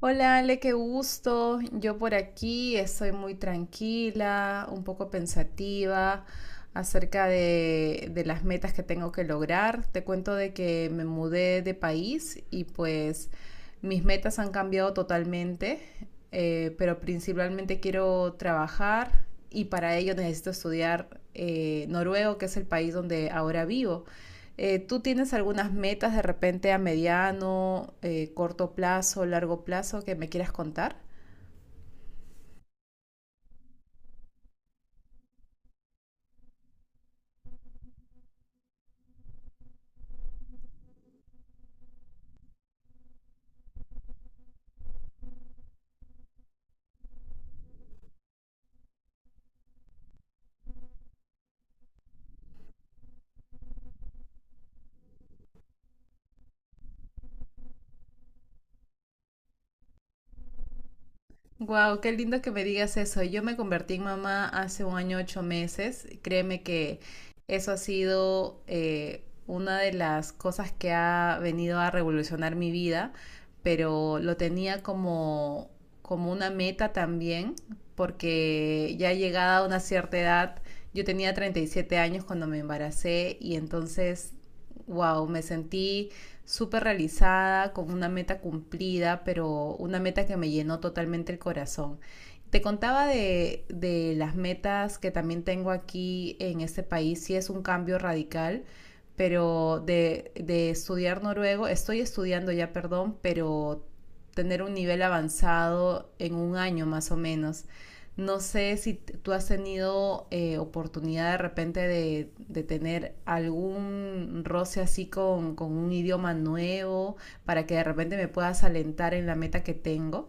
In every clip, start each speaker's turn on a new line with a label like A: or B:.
A: Hola Ale, qué gusto. Yo por aquí estoy muy tranquila, un poco pensativa acerca de las metas que tengo que lograr. Te cuento de que me mudé de país y pues mis metas han cambiado totalmente, pero principalmente quiero trabajar y para ello necesito estudiar noruego, que es el país donde ahora vivo. ¿Tú tienes algunas metas de repente a mediano, corto plazo, largo plazo que me quieras contar? Wow, qué lindo que me digas eso. Yo me convertí en mamá hace un año 8 meses. Créeme que eso ha sido una de las cosas que ha venido a revolucionar mi vida, pero lo tenía como una meta también, porque ya llegada a una cierta edad, yo tenía 37 años cuando me embaracé y entonces, wow, me sentí súper realizada, con una meta cumplida, pero una meta que me llenó totalmente el corazón. Te contaba de las metas que también tengo aquí en este país, sí es un cambio radical, pero de estudiar noruego, estoy estudiando ya, perdón, pero tener un nivel avanzado en un año más o menos. No sé si tú has tenido oportunidad de repente de tener algún roce así con un idioma nuevo para que de repente me puedas alentar en la meta que tengo.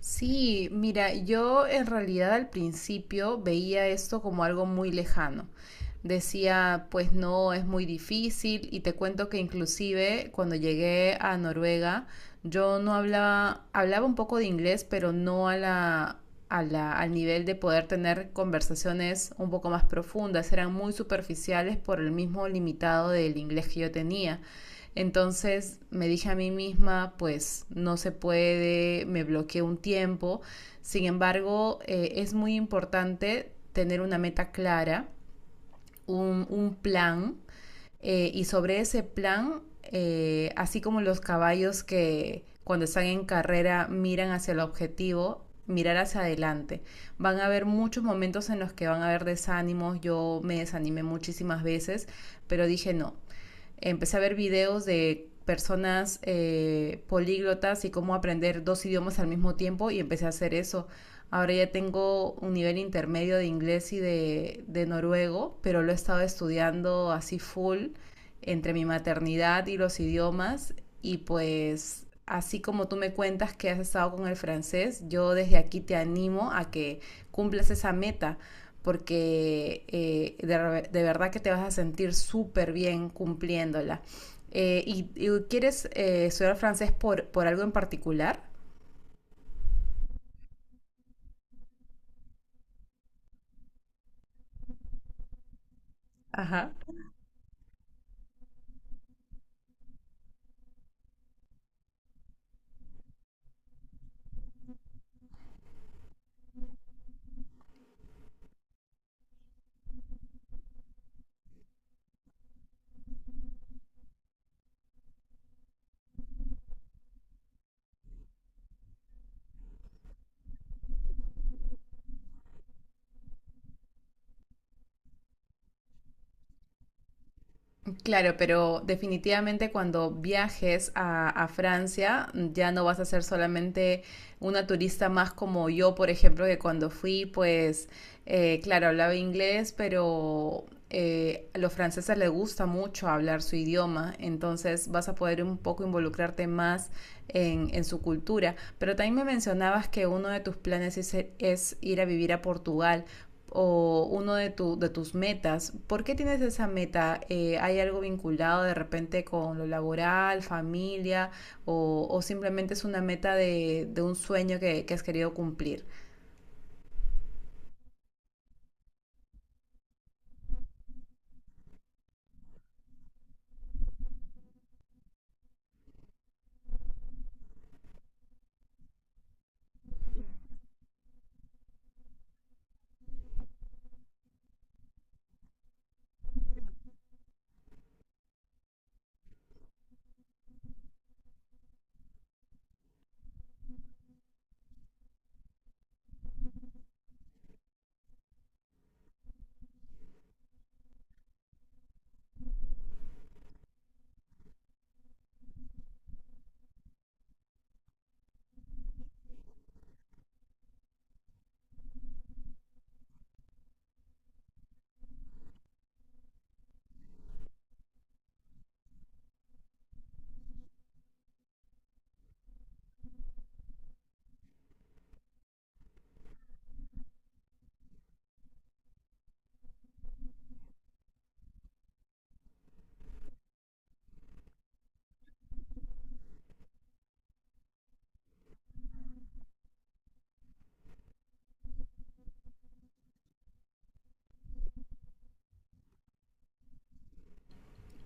A: Sí, mira, yo en realidad al principio veía esto como algo muy lejano. Decía, pues no, es muy difícil y te cuento que inclusive cuando llegué a Noruega, yo no hablaba, hablaba un poco de inglés, pero no a la, al nivel de poder tener conversaciones un poco más profundas. Eran muy superficiales por el mismo limitado del inglés que yo tenía. Entonces me dije a mí misma, pues no se puede, me bloqueé un tiempo. Sin embargo, es muy importante tener una meta clara, un plan, y sobre ese plan, así como los caballos que cuando están en carrera miran hacia el objetivo, mirar hacia adelante. Van a haber muchos momentos en los que van a haber desánimos, yo me desanimé muchísimas veces, pero dije no, empecé a ver videos de personas políglotas y cómo aprender dos idiomas al mismo tiempo y empecé a hacer eso. Ahora ya tengo un nivel intermedio de inglés y de noruego, pero lo he estado estudiando así full entre mi maternidad y los idiomas y pues así como tú me cuentas que has estado con el francés, yo desde aquí te animo a que cumplas esa meta porque verdad que te vas a sentir súper bien cumpliéndola. ¿Quieres estudiar francés por algo en particular? Ajá. Claro, pero definitivamente cuando viajes a, Francia, ya no vas a ser solamente una turista más como yo, por ejemplo, que cuando fui, pues, claro, hablaba inglés, pero a los franceses les gusta mucho hablar su idioma, entonces vas a poder un poco involucrarte más en su cultura. Pero también me mencionabas que uno de tus planes es ir a vivir a Portugal o uno de tus metas. ¿Por qué tienes esa meta? ¿Hay algo vinculado de repente con lo laboral, familia o simplemente es una meta de un sueño has querido cumplir?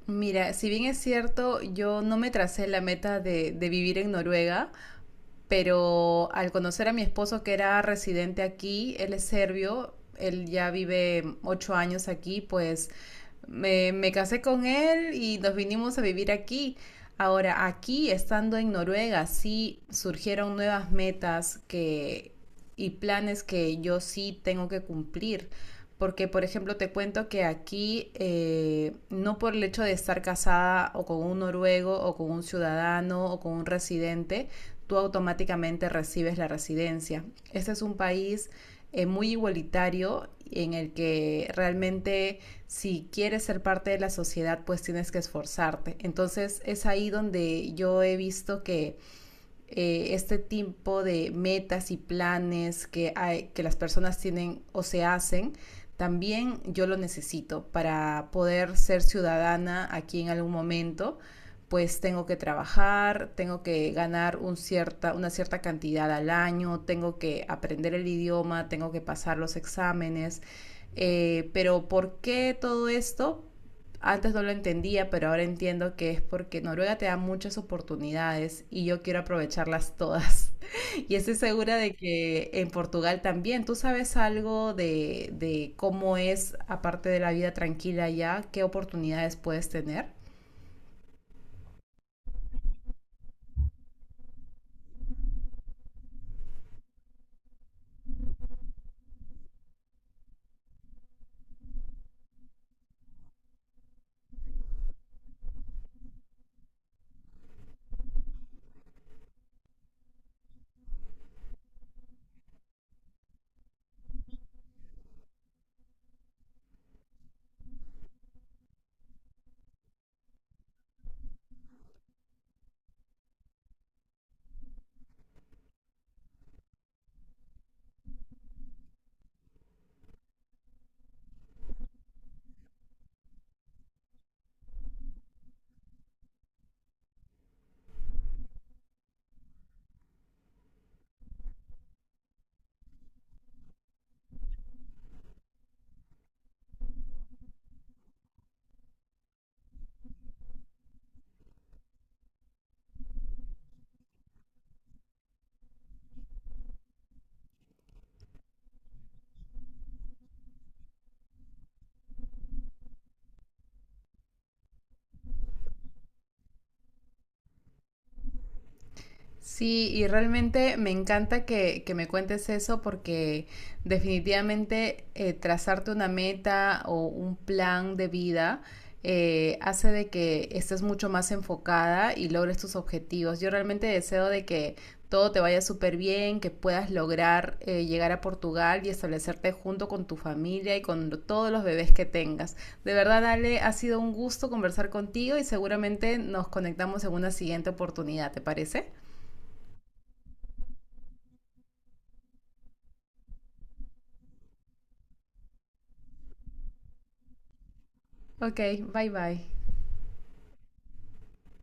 A: Mira, si bien es cierto, yo no me tracé la meta de vivir en Noruega, pero al conocer a mi esposo que era residente aquí, él es serbio, él ya vive 8 años aquí, pues me casé con él y nos vinimos a vivir aquí. Ahora, aquí, estando en Noruega, sí surgieron nuevas metas y planes que yo sí tengo que cumplir. Porque, por ejemplo, te cuento que aquí, no por el hecho de estar casada o con un noruego o con un ciudadano o con un residente, tú automáticamente recibes la residencia. Este es un país muy igualitario en el que realmente si quieres ser parte de la sociedad pues tienes que esforzarte. Entonces es ahí donde yo he visto que este tipo de metas y planes que, hay, que las personas tienen o se hacen, también yo lo necesito para poder ser ciudadana aquí en algún momento pues tengo que trabajar, tengo que ganar una cierta cantidad al año, tengo que aprender el idioma, tengo que pasar los exámenes. Pero ¿por qué todo esto? Antes no lo entendía, pero ahora entiendo que es porque Noruega te da muchas oportunidades y yo quiero aprovecharlas todas. Y estoy segura de que en Portugal también. ¿Tú sabes algo de cómo es, aparte de la vida tranquila allá, qué oportunidades puedes tener? Sí, y realmente me encanta que me cuentes eso porque definitivamente trazarte una meta o un plan de vida hace de que estés mucho más enfocada y logres tus objetivos. Yo realmente deseo de que todo te vaya súper bien, que puedas lograr llegar a Portugal y establecerte junto con tu familia y con todos los bebés que tengas. De verdad, Ale, ha sido un gusto conversar contigo y seguramente nos conectamos en una siguiente oportunidad, ¿te parece? Ok, bye bye.